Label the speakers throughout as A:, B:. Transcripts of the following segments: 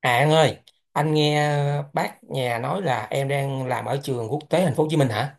A: À anh ơi, anh nghe bác nhà nói là em đang làm ở trường quốc tế thành phố Hồ Chí Minh hả?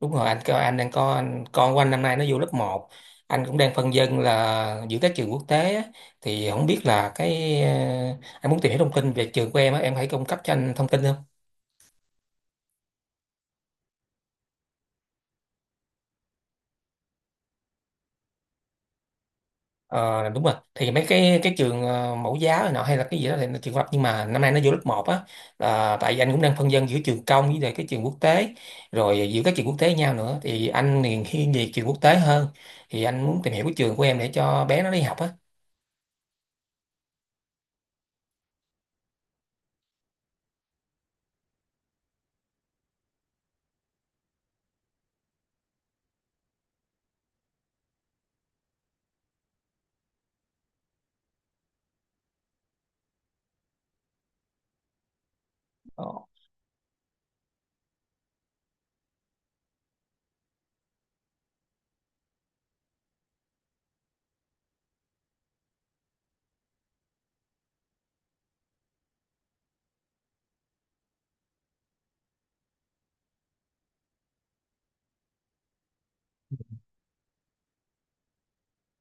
A: Đúng rồi, anh kêu anh đang có anh, con của anh năm nay nó vô lớp một. Anh cũng đang phân vân là giữa các trường quốc tế á, thì không biết là anh muốn tìm hiểu thông tin về trường của em á, em hãy cung cấp cho anh thông tin không? Ờ, đúng rồi thì mấy cái trường mẫu giáo này nọ hay là cái gì đó thì nó trường học, nhưng mà năm nay nó vô lớp một á, là tại vì anh cũng đang phân vân giữa trường công với lại cái trường quốc tế, rồi giữa các trường quốc tế với nhau nữa, thì anh thì thiên về trường quốc tế hơn, thì anh muốn tìm hiểu cái trường của em để cho bé nó đi học á. Ờ.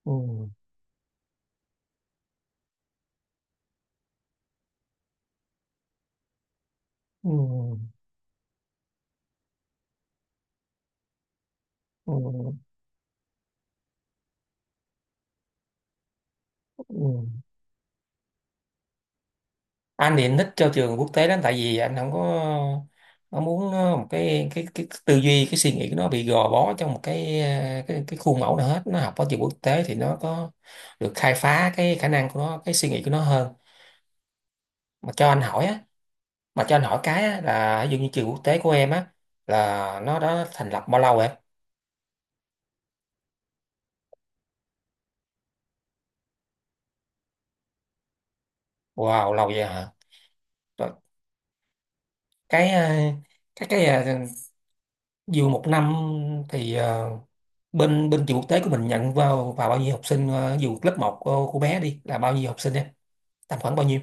A: Ừ. Ừ. Ừ. Ừ. Anh thì anh thích cho trường quốc tế lắm, tại vì anh không có không muốn một cái tư duy cái suy nghĩ của nó bị gò bó trong một cái ờ, cái khuôn mẫu nào hết, nó học ở trường quốc tế thì nó có được khai phá cái khả năng của nó, cái suy nghĩ của nó hơn. Mà cho anh hỏi á, mà cho anh hỏi cái á, là ví dụ như trường quốc tế của em á, là nó đã thành lập bao lâu em? Wow, lâu vậy hả? Rồi cái ờ, cái ờ, dù một năm thì bên bên trường quốc tế của mình nhận vào vào bao nhiêu học sinh, dù lớp một của bé đi là bao nhiêu học sinh em? Tầm khoảng bao nhiêu?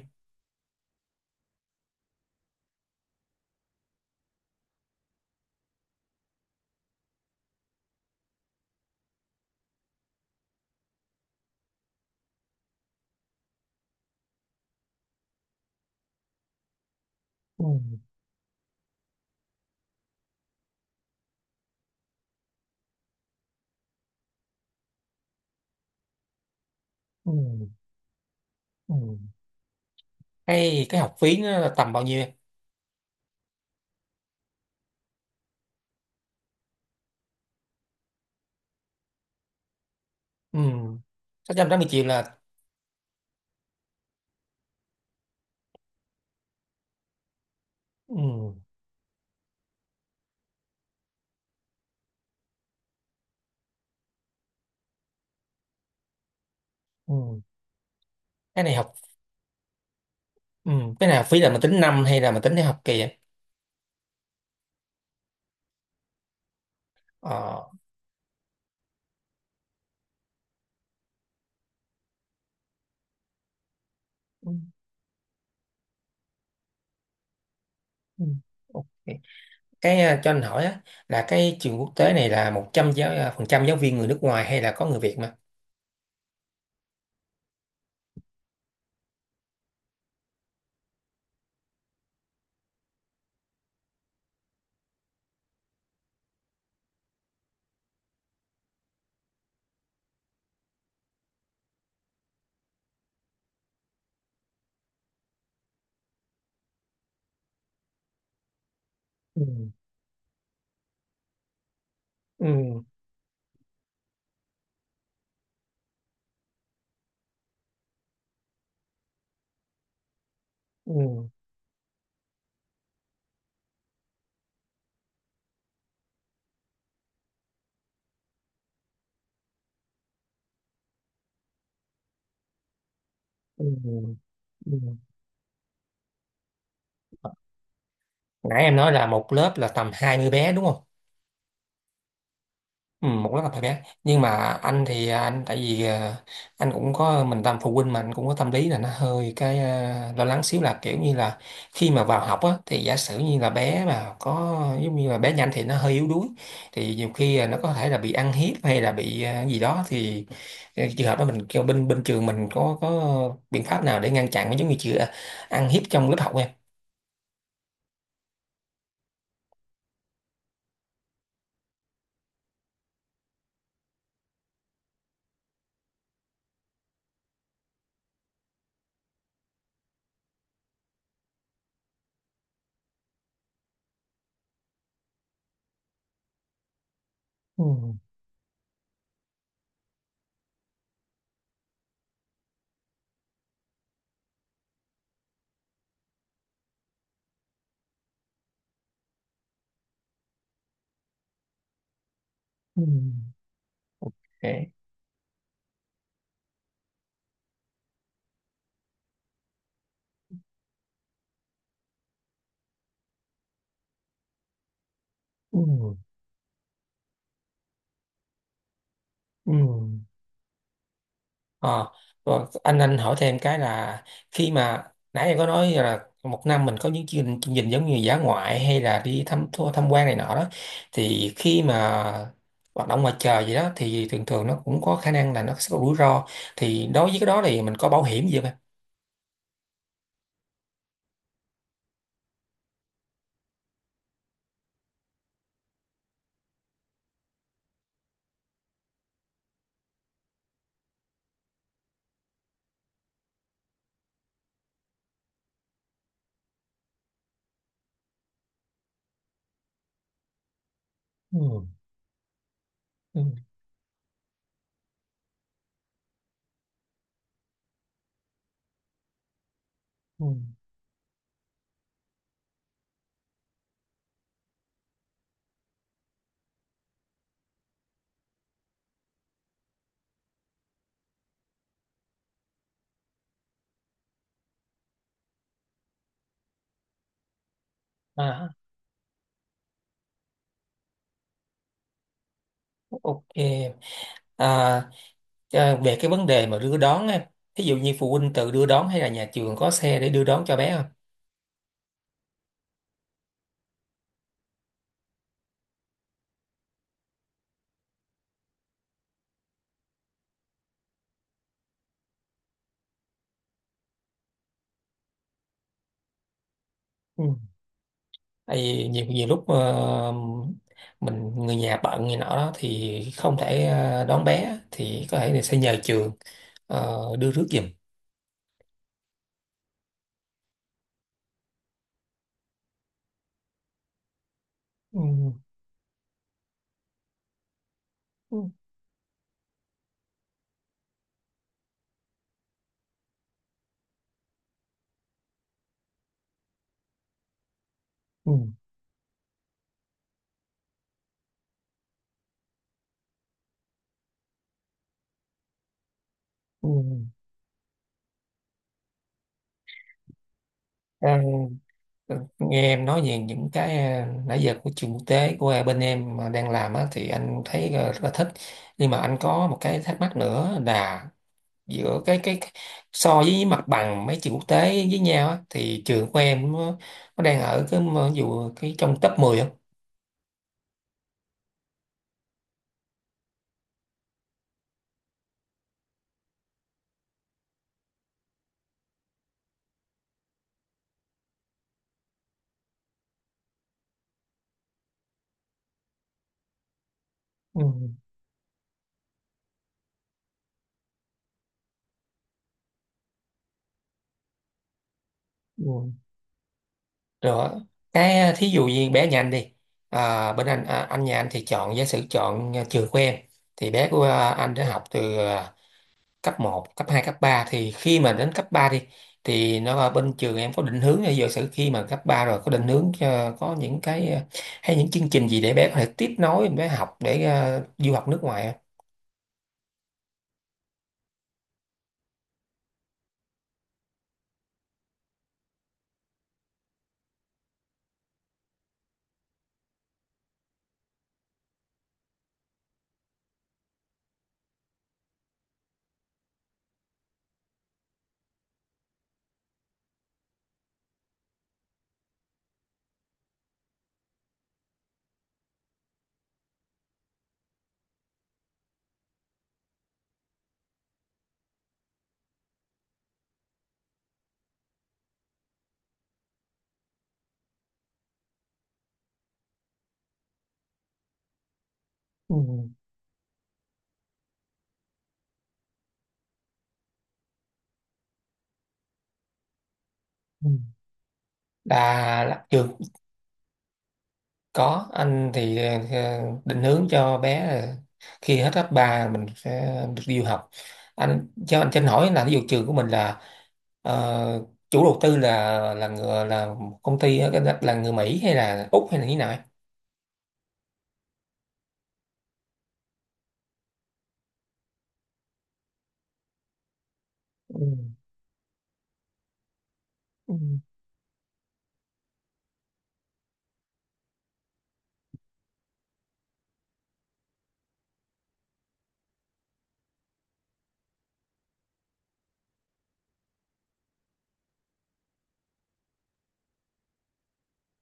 A: Ừ. Ừ. Ừ. Cái học phí nó là tầm bao nhiêu em? Ừ. Sáu trăm tám mươi triệu là? Ừ. Ừ. Cái này học. Ừ. Cái này học phí là mình tính năm hay là mình tính theo học kỳ em? Ờ. Ừ. Ừ. Ok. Cho anh hỏi á, là cái trường quốc tế này là 100 giáo phần trăm giáo viên người nước ngoài hay là có người Việt mà? Ừ. Ừ. Ừ. Ừ. Ừ. Nãy em nói là một lớp là tầm 20 bé đúng không? Ừ, một lớp là 20 bé nhưng mà anh thì anh tại vì anh cũng có mình làm phụ huynh mà anh cũng có tâm lý là nó hơi lo lắng xíu, là kiểu như là khi mà vào học á thì giả sử như là bé mà có giống như là bé nhanh thì nó hơi yếu đuối, thì nhiều khi là nó có thể là bị ăn hiếp hay là bị gì đó thì trường hợp đó mình kêu bên bên trường mình có biện pháp nào để ngăn chặn giống như chưa, ăn hiếp trong lớp học em? Ừ. Ừ. Để- Ừ. Ừ. Ờ, và anh hỏi thêm cái là khi mà nãy em có nói là một năm mình có những chương trình giống như dã ngoại hay là đi thăm thua tham quan này nọ đó, thì khi mà hoạt động ngoài trời gì đó thì thường thường nó cũng có khả năng là nó sẽ có rủi ro, thì đối với cái đó thì mình có bảo hiểm gì không em? Ừ. Ừ. Ừ. À, ok. À, à, về cái vấn đề mà đưa đón em, ví dụ như phụ huynh tự đưa đón hay là nhà trường có xe để đưa đón cho bé không? Ừ. Tại vì nhiều, nhiều lúc mình người nhà bận gì nọ đó thì không thể đón bé, thì có thể là sẽ nhờ trường đưa rước giùm. Ừ. Ừ. Ừ. Ừ. À, nghe em nói về những nãy giờ của trường quốc tế bên em mà đang làm á, thì anh thấy rất là thích, nhưng mà anh có một cái thắc mắc nữa là giữa so với mặt bằng mấy trường quốc tế với nhau á, thì trường của em nó đang ở cái mà, ví dụ cái trong top mười, không? Ừ, ừ. Rồi thí dụ như bé nhà anh đi bên anh anh nhà anh thì chọn, giả sử chọn trường của em, thì bé anh đã học từ cấp một cấp 2 cấp ba, thì khi mà đến cấp 3 đi thì nó là bên trường em có định hướng là giả sử khi mà cấp 3 rồi có định hướng cho- có những hay những chương trình gì để bé có thể tiếp nối bé học để du học nước ngoài không? Ừ. Ừ. Là trường. Có, anh thì định hướng cho bé là khi hết cấp 3 mình sẽ được đi du học. Anh cho anh cho anh hỏi là ví dụ trường của mình là ờ, chủ đầu tư là người là một công ty ở cái đất là người Mỹ hay là Úc hay là như thế nào ấy? Ừ. Ừ.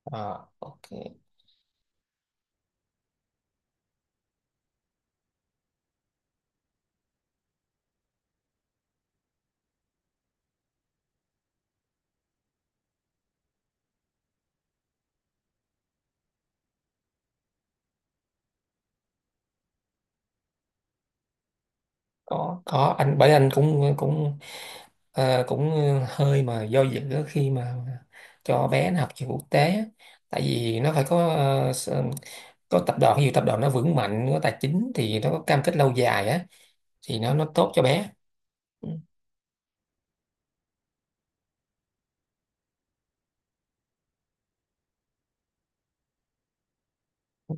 A: Ờ, ok. Có anh, bởi anh cũng cũng cũng hơi mà do dự khi mà cho bé nó học trường quốc tế á. Tại vì nó phải có tập đoàn, nhiều tập đoàn nó vững mạnh có tài chính thì nó có cam kết lâu dài á, thì nó tốt cho bé. Ừ. Ừ.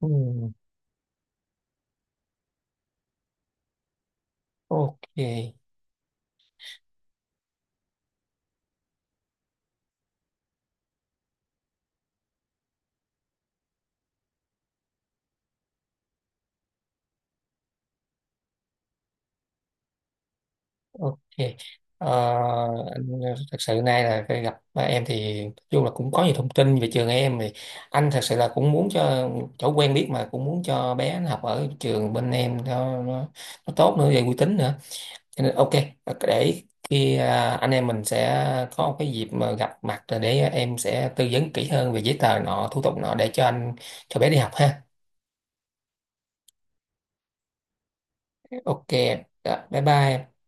A: Ừ. Ok. Ok. Ờ, anh thật sự nay là cái gặp ba em thì nói chung là cũng có nhiều thông tin về trường em, thì anh thật sự là cũng muốn cho chỗ quen biết mà cũng muốn cho bé nó học ở trường bên em, nó tốt nữa về uy tín nữa. Cho nên ok, để khi anh em mình sẽ có một cái dịp mà gặp mặt rồi để em sẽ tư vấn kỹ hơn về giấy tờ nọ thủ tục nọ để cho anh cho bé đi học ha. Ok. Dạ, bye bye.